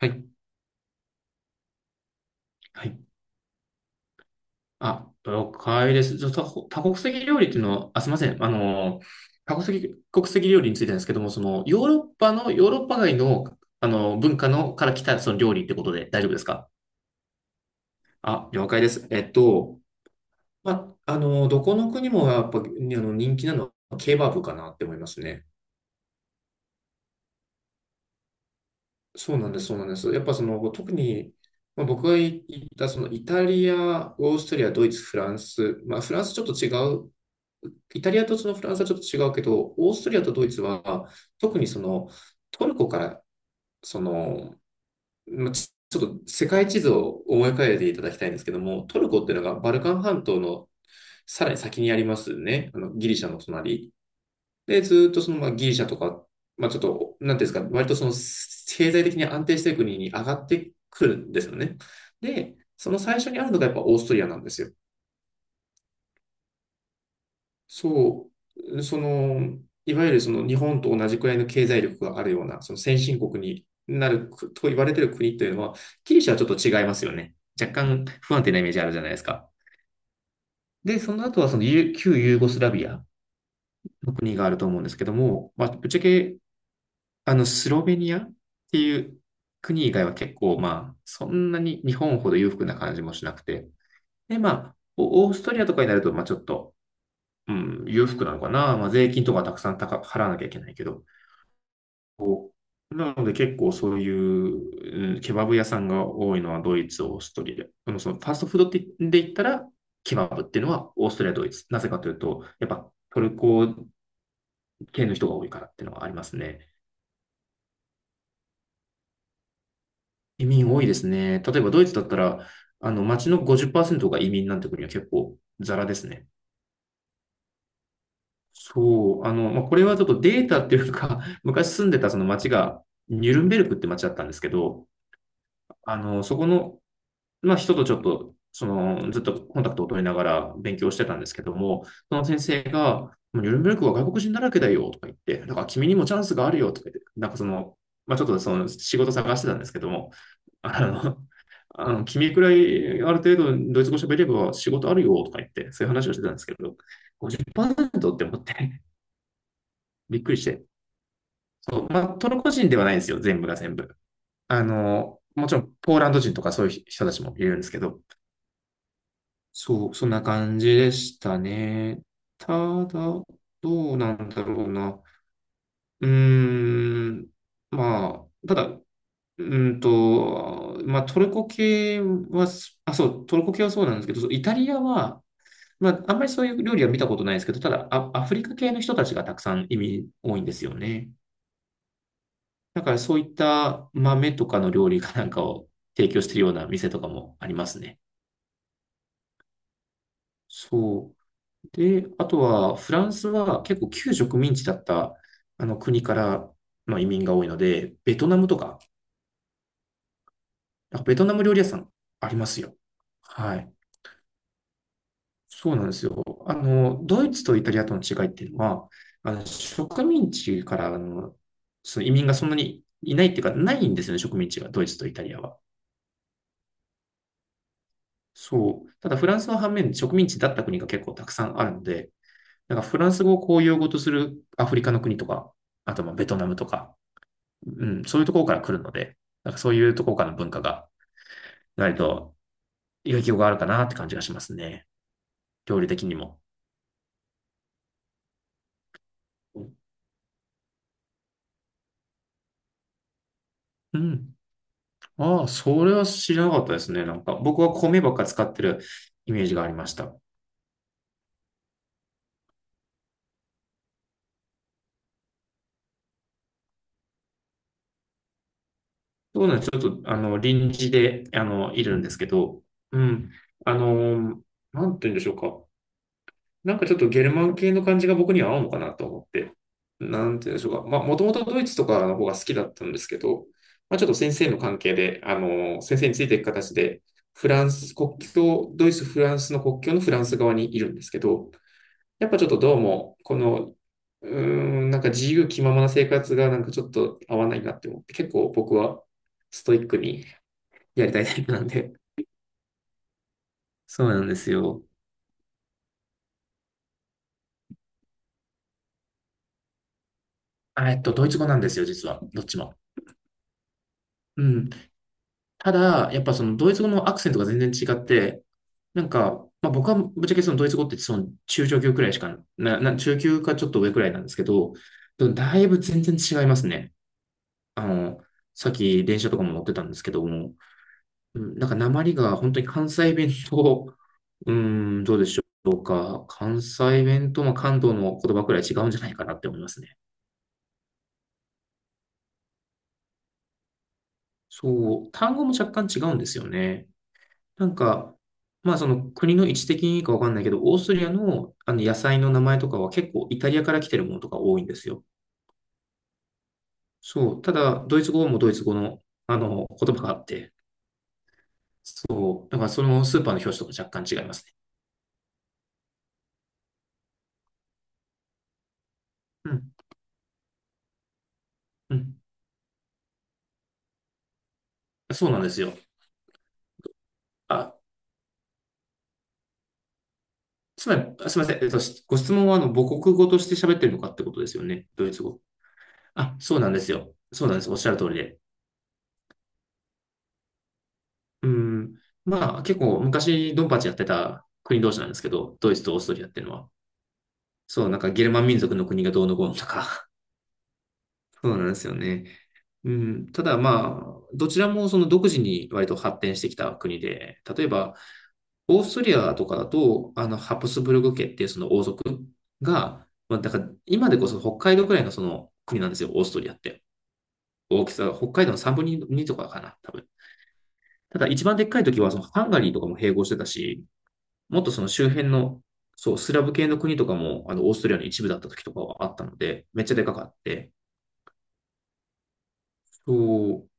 はい。はい。あ、了解です。じゃあ、多国籍料理っていうのは、あ、すみません。多国籍、国籍料理についてなんですけども、その、ヨーロッパの、ヨーロッパ外の、文化の、から来た、その料理ってことで大丈夫ですか？あ、了解です。まあ、どこの国もやっぱ、人気なのは、ケバブかなって思いますね。そうなんです、そうなんです。やっぱその、特に、まあ、僕が行った、その、イタリア、オーストリア、ドイツ、フランス、まあ、フランスちょっと違う。イタリアとそのフランスはちょっと違うけど、オーストリアとドイツは、特にそのトルコから、その、まあちょっと世界地図を思い浮かべていただきたいんですけども、トルコっていうのがバルカン半島のさらに先にありますね。あのギリシャの隣。で、ずっとその、まあ、ギリシャとか、まあ、ちょっと、なんていうんですか、割とその経済的に安定している国に上がってくるんですよね。で、その最初にあるのがやっぱオーストリアなんですよ。そう、その、いわゆるその日本と同じくらいの経済力があるような、その先進国になるくと言われてる国というのは、ギリシャはちょっと違いますよね。若干不安定なイメージあるじゃないですか。で、その後はその旧ユーゴスラビアの国があると思うんですけども、まあ、ぶっちゃけ、あの、スロベニアっていう国以外は結構、まあ、そんなに日本ほど裕福な感じもしなくて。で、まあ、オーストリアとかになると、まあ、ちょっと、うん、裕福なのかな。まあ、税金とかたくさん高払わなきゃいけないけど。こうなので結構そういう、うん、ケバブ屋さんが多いのはドイツ、オーストリア。でもそのファーストフードってで言ったら、ケバブっていうのはオーストリア、ドイツ。なぜかというと、やっぱトルコ系の人が多いからっていうのはありますね。移民多いですね。例えばドイツだったら、あの、街の50%が移民なんて国は結構ザラですね。そう、あの、まあ、これはちょっとデータっていうか、昔住んでたその町が、ニュルンベルクって町だったんですけど、あの、そこの、まあ、人とちょっと、その、ずっとコンタクトを取りながら勉強してたんですけども、その先生が、もうニュルンベルクは外国人だらけだよとか言って、だから君にもチャンスがあるよとか言って、なんかその、まあ、ちょっとその仕事探してたんですけども、あの、あの君くらいある程度ドイツ語喋れば仕事あるよとか言って、そういう話をしてたんですけど、50%パーセントって思って びっくりして。そうまあ、トルコ人ではないんですよ、全部が全部。あの、もちろん、ポーランド人とかそういう人たちもいるんですけど、そう、そんな感じでしたね。ただ、どうなんだろうな。うーん、まあ、ただ、うーんと、まあ、トルコ系は、あ、そう、トルコ系はそうなんですけど、そうイタリアは、まあ、あんまりそういう料理は見たことないですけど、ただ、アフリカ系の人たちがたくさん移民多いんですよね。だからそういった豆とかの料理かなんかを提供しているような店とかもありますね。そう。で、あとはフランスは結構旧植民地だったあの国から、まあ、移民が多いので、ベトナムとか、ベトナム料理屋さんありますよ。はい。そうなんですよ。あの、ドイツとイタリアとの違いっていうのは、あの植民地からあのその移民がそんなにいないっていうか、ないんですよね、植民地が、ドイツとイタリアは。そう。ただフランスの反面、植民地だった国が結構たくさんあるので、なんかフランス語を公用語とするアフリカの国とか、あとまあベトナムとか、うん、そういうところから来るので、なんかそういうところからの文化が、ないと影響があるかなって感じがしますね。料理的にも。うん。ああ、それは知らなかったですね。なんか僕は米ばっか使ってるイメージがありました。そうなんです。ちょっと、あの、臨時で、あの、いるんですけど、うん。あの、なんて言うんでしょうか。なんかちょっとゲルマン系の感じが僕には合うのかなと思って、なんて言うんでしょうか。まあ、もともとドイツとかの方が好きだったんですけど、まあ、ちょっと先生の関係で、あの、先生についていく形で、フランス国境、ドイツ、フランスの国境のフランス側にいるんですけど、やっぱちょっとどうも、この、うーん、なんか自由気ままな生活がなんかちょっと合わないなって思って、結構僕はストイックにやりたいタイプなんで。そうなんですよ。ドイツ語なんですよ、実は。どっちも。うん。ただ、やっぱそのドイツ語のアクセントが全然違って、なんか、まあ、僕はぶっちゃけそのドイツ語ってその中上級くらいしかな、な、中級かちょっと上くらいなんですけど、でもだいぶ全然違いますね。あの、さっき電車とかも乗ってたんですけども、うん、なんか訛りが本当に関西弁と、うん、どうでしょうか。関西弁とまあ関東の言葉くらい違うんじゃないかなって思いますね。そう、単語も若干違うんですよね。なんか、まあその国の位置的にいいかわかんないけど、オーストリアのあの野菜の名前とかは結構イタリアから来てるものとか多いんですよ。そう。ただ、ドイツ語もドイツ語の、あの言葉があって、そう。だからそのスーパーの表紙とか若干違いますね。うん。うん。そうなんですよ。あ、つまり、すみません。ご質問はあの母国語として喋ってるのかってことですよね。ドイツ語。あ、そうなんですよ。そうなんです。おっしゃる通りで。うん。まあ結構昔ドンパチやってた国同士なんですけど、ドイツとオーストリアっていうのは。そう、なんかゲルマン民族の国がどうのこうのとか、そうなんですよね。うん、ただまあ、どちらもその独自に割と発展してきた国で、例えば、オーストリアとかだと、あの、ハプスブルク家っていうその王族が、まあ、だから今でこそ北海道くらいのその国なんですよ、オーストリアって。大きさが北海道の3分の2とかかな、多分。ただ一番でっかい時はそのハンガリーとかも併合してたし、もっとその周辺の、そう、スラブ系の国とかも、オーストリアの一部だった時とかはあったので、めっちゃでかかって、そう。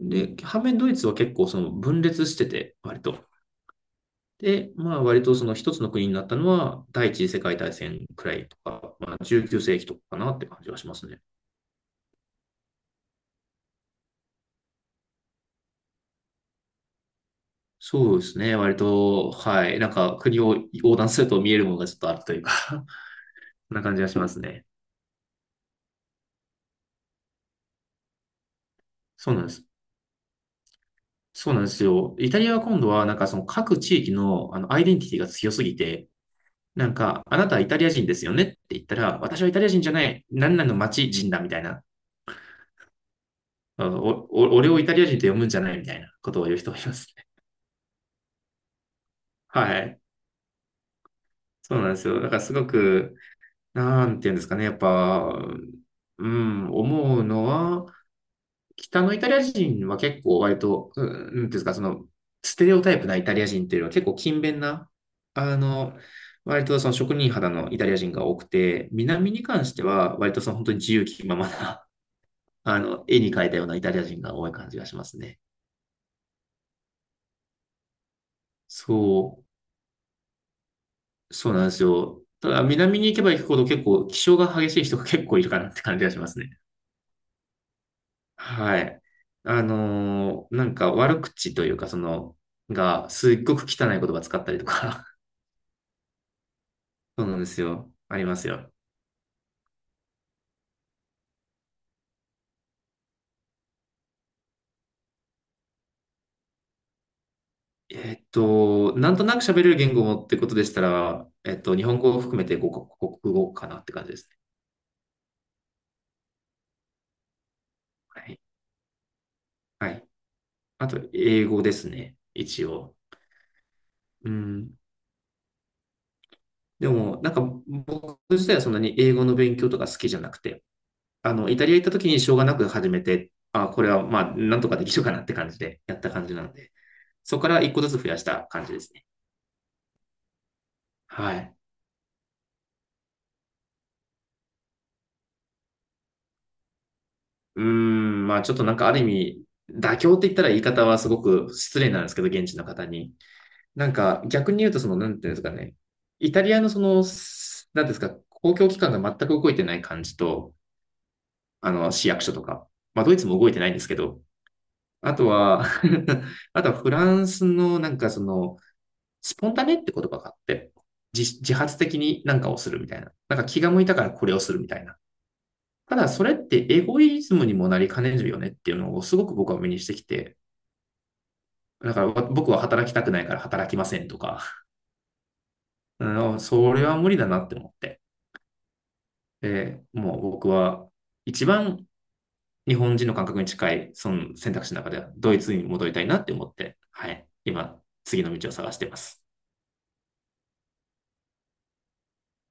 で、反面ドイツは結構その分裂してて、割と。で、まあ割とその一つの国になったのは第一次世界大戦くらいとか、まあ19世紀とかかなって感じはしますね。そうですね。割と、はい。なんか国を横断すると見えるものがちょっとあるというか そんな感じがしますね。そうなんです。そうなんですよ。イタリアは今度はなんかその各地域のあのアイデンティティが強すぎて、なんか、あなたはイタリア人ですよねって言ったら、私はイタリア人じゃない、何々の町人だみたいなあのおお俺をイタリア人と読むんじゃないみたいなことを言う人がいますね。はい。そうなんですよ。だからすごく、なんていうんですかね。やっぱ、うん、思うのは、北のイタリア人は結構割と、うん、なんていうんですか、ステレオタイプなイタリア人っていうのは結構勤勉な、あの、割とその職人肌のイタリア人が多くて、南に関しては割とその本当に自由気ままな、絵に描いたようなイタリア人が多い感じがしますね。そう。そうなんですよ。ただ、南に行けば行くほど結構、気性が激しい人が結構いるかなって感じがしますね。はい。なんか悪口というか、その、が、すっごく汚い言葉使ったりとか、そうなんですよ。ありますよ。なんとなく喋れる言語ってことでしたら、日本語を含めて5カ国語かなって感じですね。はい。はい。あと、英語ですね。一応。うん。でも、なんか、僕自体はそんなに英語の勉強とか好きじゃなくて、イタリア行った時にしょうがなく始めて、あ、これはまあ、なんとかできるかなって感じでやった感じなので、そこから一個ずつ増やした感じですね。はい。うーん、まあちょっとなんかある意味、妥協って言ったら言い方はすごく失礼なんですけど、現地の方に。なんか逆に言うと、なんていうんですかね、イタリアのその、なんですか、公共機関が全く動いてない感じと、市役所とか、まあドイツも動いてないんですけど、あとは あとはフランスのなんかその、スポンタネって言葉があって、自発的に何かをするみたいな。なんか気が向いたからこれをするみたいな。ただそれってエゴイズムにもなりかねるよねっていうのをすごく僕は目にしてきて、だから僕は働きたくないから働きませんとか、それは無理だなって思って。で、もう僕は一番日本人の感覚に近いその選択肢の中ではドイツに戻りたいなって思って、はい、今次の道を探しています。